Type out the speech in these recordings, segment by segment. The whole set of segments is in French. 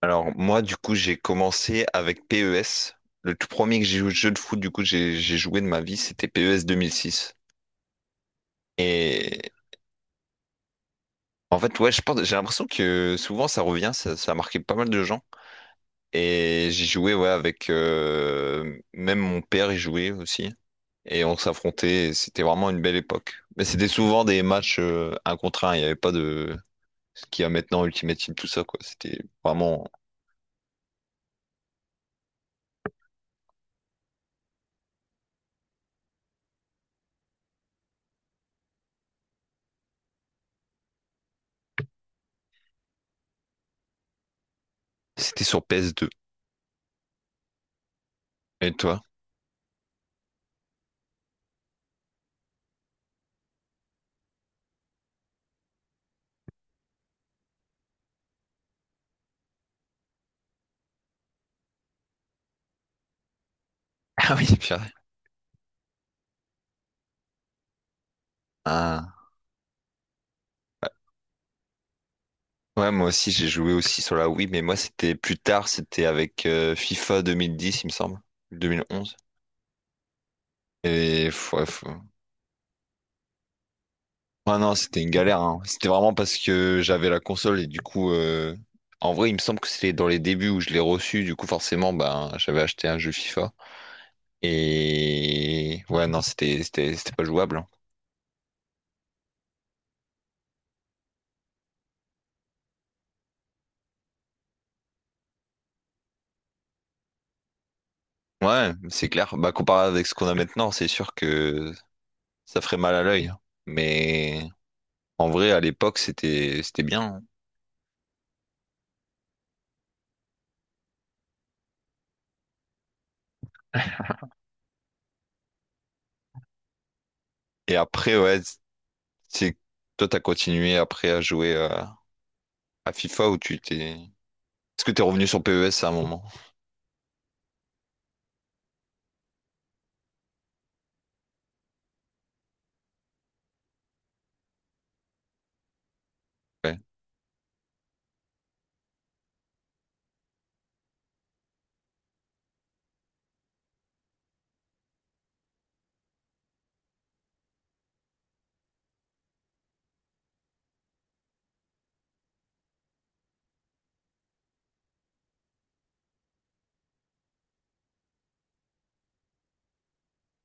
Alors moi du coup j'ai commencé avec PES. Le tout premier que j'ai joué jeu de foot du coup j'ai joué de ma vie c'était PES 2006. Et en fait ouais je pense j'ai l'impression que souvent ça revient ça a marqué pas mal de gens. Et j'ai joué ouais avec même mon père y jouait aussi et on s'affrontait et c'était vraiment une belle époque. Mais c'était souvent des matchs un contre un il n'y avait pas de ce qu'il y a maintenant Ultimate Team tout ça quoi vraiment c'était sur PS2. Et toi? Ah oui purée. Ah. Ouais, moi aussi, j'ai joué aussi sur la Wii, mais moi, c'était plus tard, c'était avec FIFA 2010, il me semble, 2011. Et ouais, non, c'était une galère, hein. C'était vraiment parce que j'avais la console et du coup, en vrai, il me semble que c'était dans les débuts où je l'ai reçu, du coup, forcément, ben, j'avais acheté un jeu FIFA. Et ouais, non, c'était pas jouable. Hein. Ouais, c'est clair. Bah, comparé avec ce qu'on a maintenant, c'est sûr que ça ferait mal à l'œil. Hein. Mais en vrai, à l'époque, c'était bien. Hein. Et après, ouais, c'est toi, t'as continué après à jouer à FIFA ou tu t'es. Est-ce que t'es revenu sur PES à un moment? Ouais.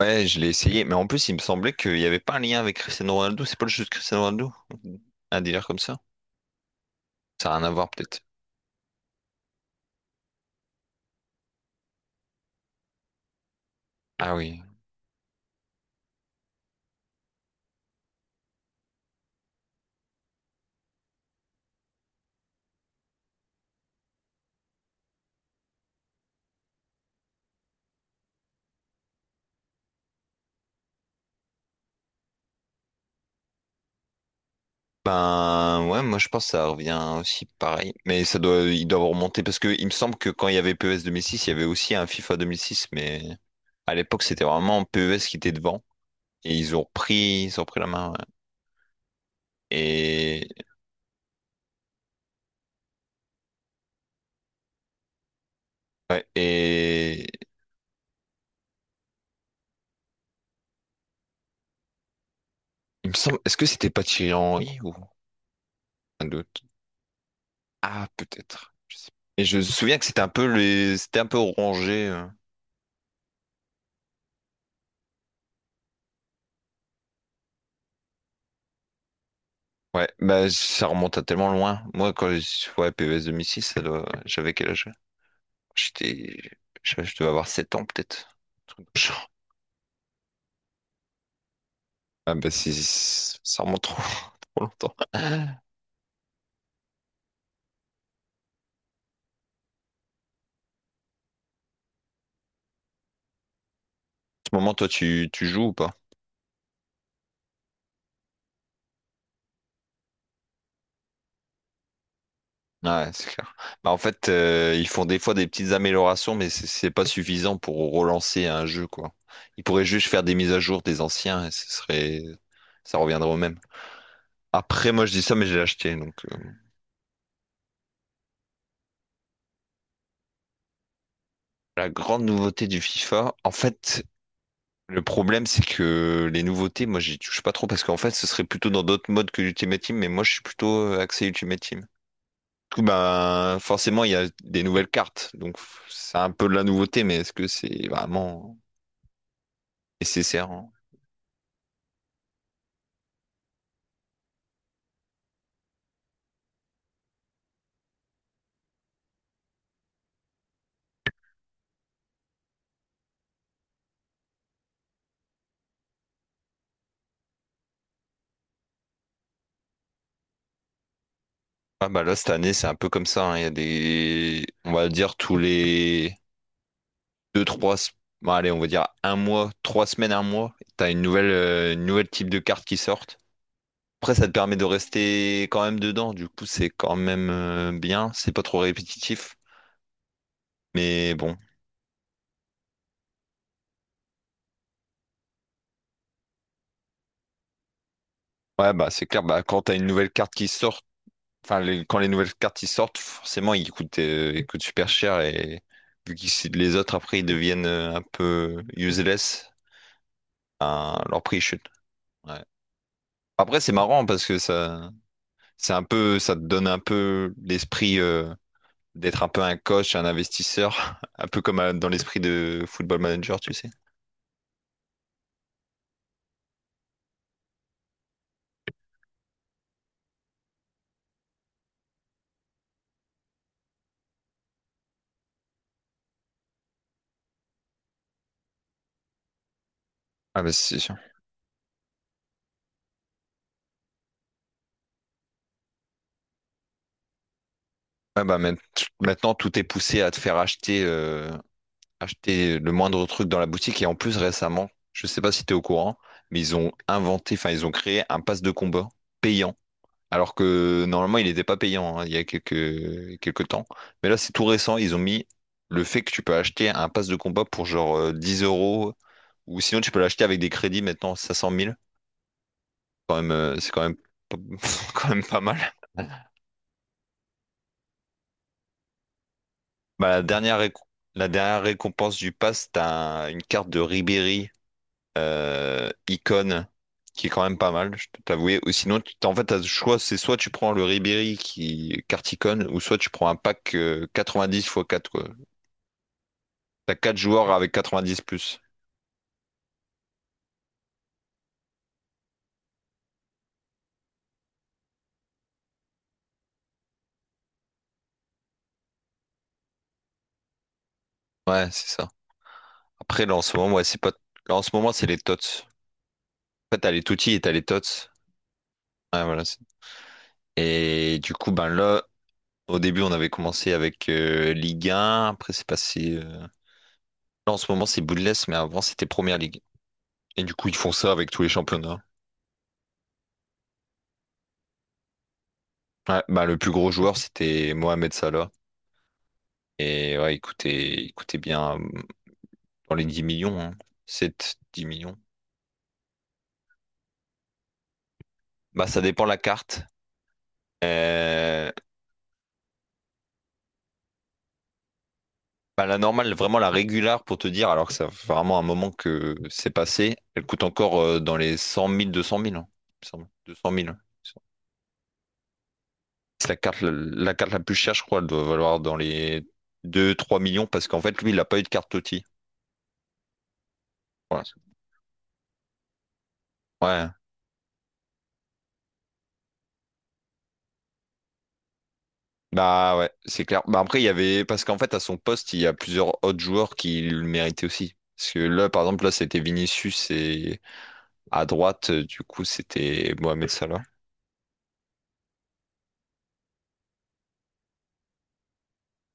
Ouais, je l'ai essayé, mais en plus, il me semblait qu'il n'y avait pas un lien avec Cristiano Ronaldo. C'est pas le jeu de Cristiano Ronaldo? Un délire comme ça? Ça a rien à voir, peut-être. Ah oui. Ben ouais, moi je pense que ça revient aussi pareil, mais ils doivent remonter parce que il me semble que quand il y avait PES six, il y avait aussi un FIFA 2006. Mais à l'époque c'était vraiment PES qui était devant et ils ont pris la main. Ouais. Et Ouais, et il me semble, est-ce que c'était pas Thierry Henry ou un d'autre? Ah, peut-être. Je sais pas. Et je me souviens que c'était un peu c'était un peu orangé. Ouais, bah ça remonte à tellement loin. Moi, quand je ouais, PES 2006, ça doit... j'avais quel âge? J'étais, je devais avoir 7 ans peut-être. Un truc dans le genre. Ah bah si, si, ça remonte trop, trop longtemps. En ce moment, toi, tu joues ou pas? Ouais, c'est clair. Bah, en fait, ils font des fois des petites améliorations, mais c'est pas suffisant pour relancer un jeu, quoi. Ils pourraient juste faire des mises à jour des anciens et ça reviendrait au même. Après, moi, je dis ça, mais j'ai acheté. Donc, la grande nouveauté du FIFA, en fait, le problème, c'est que les nouveautés, moi, j'y touche pas trop parce qu'en fait, ce serait plutôt dans d'autres modes que l'Ultimate Team, mais moi, je suis plutôt axé Ultimate Team. Du coup, ben, forcément, il y a des nouvelles cartes, donc c'est un peu de la nouveauté, mais est-ce que c'est vraiment nécessaire? Hein? Ah bah là cette année c'est un peu comme ça, hein. Il y a des on va dire tous les deux trois se- bon, allez on va dire un mois, trois semaines, un mois, t'as une nouvelle type de carte qui sortent. Après ça te permet de rester quand même dedans, du coup c'est quand même bien, c'est pas trop répétitif. Mais bon. Ouais bah c'est clair, bah quand t'as une nouvelle carte qui sort, quand les nouvelles cartes qui sortent, forcément ils coûtent super cher et vu que les autres après ils deviennent un peu useless, hein, leur prix chute. Ouais. Après, c'est marrant parce que ça te donne un peu l'esprit d'être un peu un coach, un investisseur, un peu comme dans l'esprit de Football Manager, tu sais. Ah bah c'est sûr. Ouais, bah, maintenant, tout est poussé à te faire acheter le moindre truc dans la boutique. Et en plus, récemment, je sais pas si tu es au courant, mais ils ont créé un pass de combat payant. Alors que normalement, il n'était pas payant hein, il y a quelques temps. Mais là, c'est tout récent. Ils ont mis le fait que tu peux acheter un pass de combat pour genre 10 euros. Ou sinon, tu peux l'acheter avec des crédits maintenant, 500 000. Quand même, c'est quand même, pas- quand même pas mal. Bah, la dernière récompense du pass, une carte de Ribéry Icon, qui est quand même pas mal, je peux t'avouer. Ou sinon, en fait, t'as le choix, c'est soit tu prends le Ribéry qui carte Icon, ou soit tu prends un pack 90 x 4, quoi. T'as 4 joueurs avec 90 plus. Ouais, c'est ça. Après, là, en ce moment, ouais, c'est pas... là, en ce moment, c'est les tots. En fait, t'as les Tutti et t'as les tots. Ouais, voilà. Et du coup, ben là, au début, on avait commencé avec Ligue 1. Après, c'est passé. Là, en ce moment, c'est Bundesliga, mais avant, c'était Première Ligue. Et du coup, ils font ça avec tous les championnats. Ouais, bah, le plus gros joueur, c'était Mohamed Salah. Et ouais, il coûtait bien dans les 10 millions, hein. 7, 10 millions. Bah, ça dépend la carte. Euh, bah, la normale, vraiment la régulière, pour te dire, alors que ça fait vraiment un moment que c'est passé, elle coûte encore dans les 100 000, 200 000, hein, il me semble. 200 000. C'est la carte, la carte la plus chère, je crois, elle doit valoir dans les 2 3 millions, parce qu'en fait, lui, il n'a pas eu de carte Toti. Voilà. Bah ouais, c'est clair. Bah après, il y avait. Parce qu'en fait, à son poste, il y a plusieurs autres joueurs qui le méritaient aussi. Parce que là, par exemple, là, c'était Vinicius et à droite, du coup, c'était Mohamed Salah.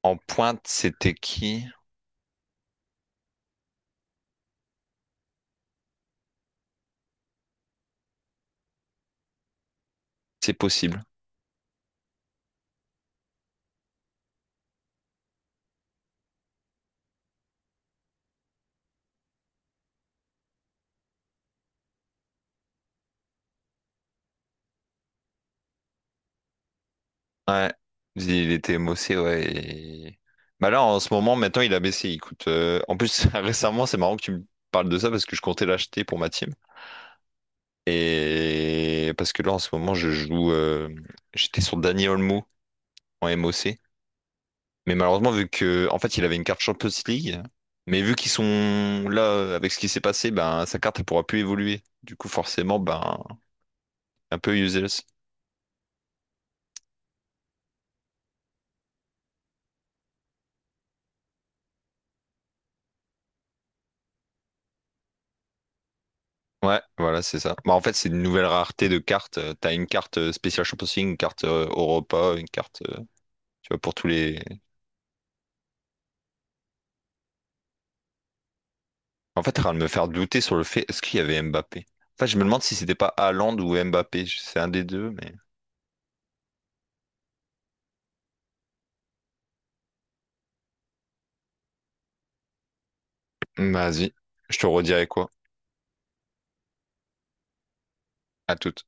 En pointe, c'était qui? C'est possible. Ouais. Il était Mossé, ouais. et- Bah là, en ce moment, maintenant, il a baissé. Il coûte. En plus, récemment, c'est marrant que tu me parles de ça parce que je comptais l'acheter pour ma team. Et parce que là, en ce moment, je joue. J'étais sur Dani Olmo en MOC. Mais malheureusement, vu que, en fait, il avait une carte Champions League, mais vu qu'ils sont là avec ce qui s'est passé, ben sa carte elle pourra plus évoluer. Du coup, forcément, ben un peu useless. Ouais, voilà, c'est ça. Bah, en fait, c'est une nouvelle rareté de cartes. T'as une carte spéciale Champions League, une carte Europa, une carte, tu vois, pour tous les. En fait, t'es en train de me faire douter sur le fait, est-ce qu'il y avait Mbappé? En fait, je me demande si c'était pas Haaland ou Mbappé. C'est un des deux, mais. Vas-y, je te redirai quoi. À toute.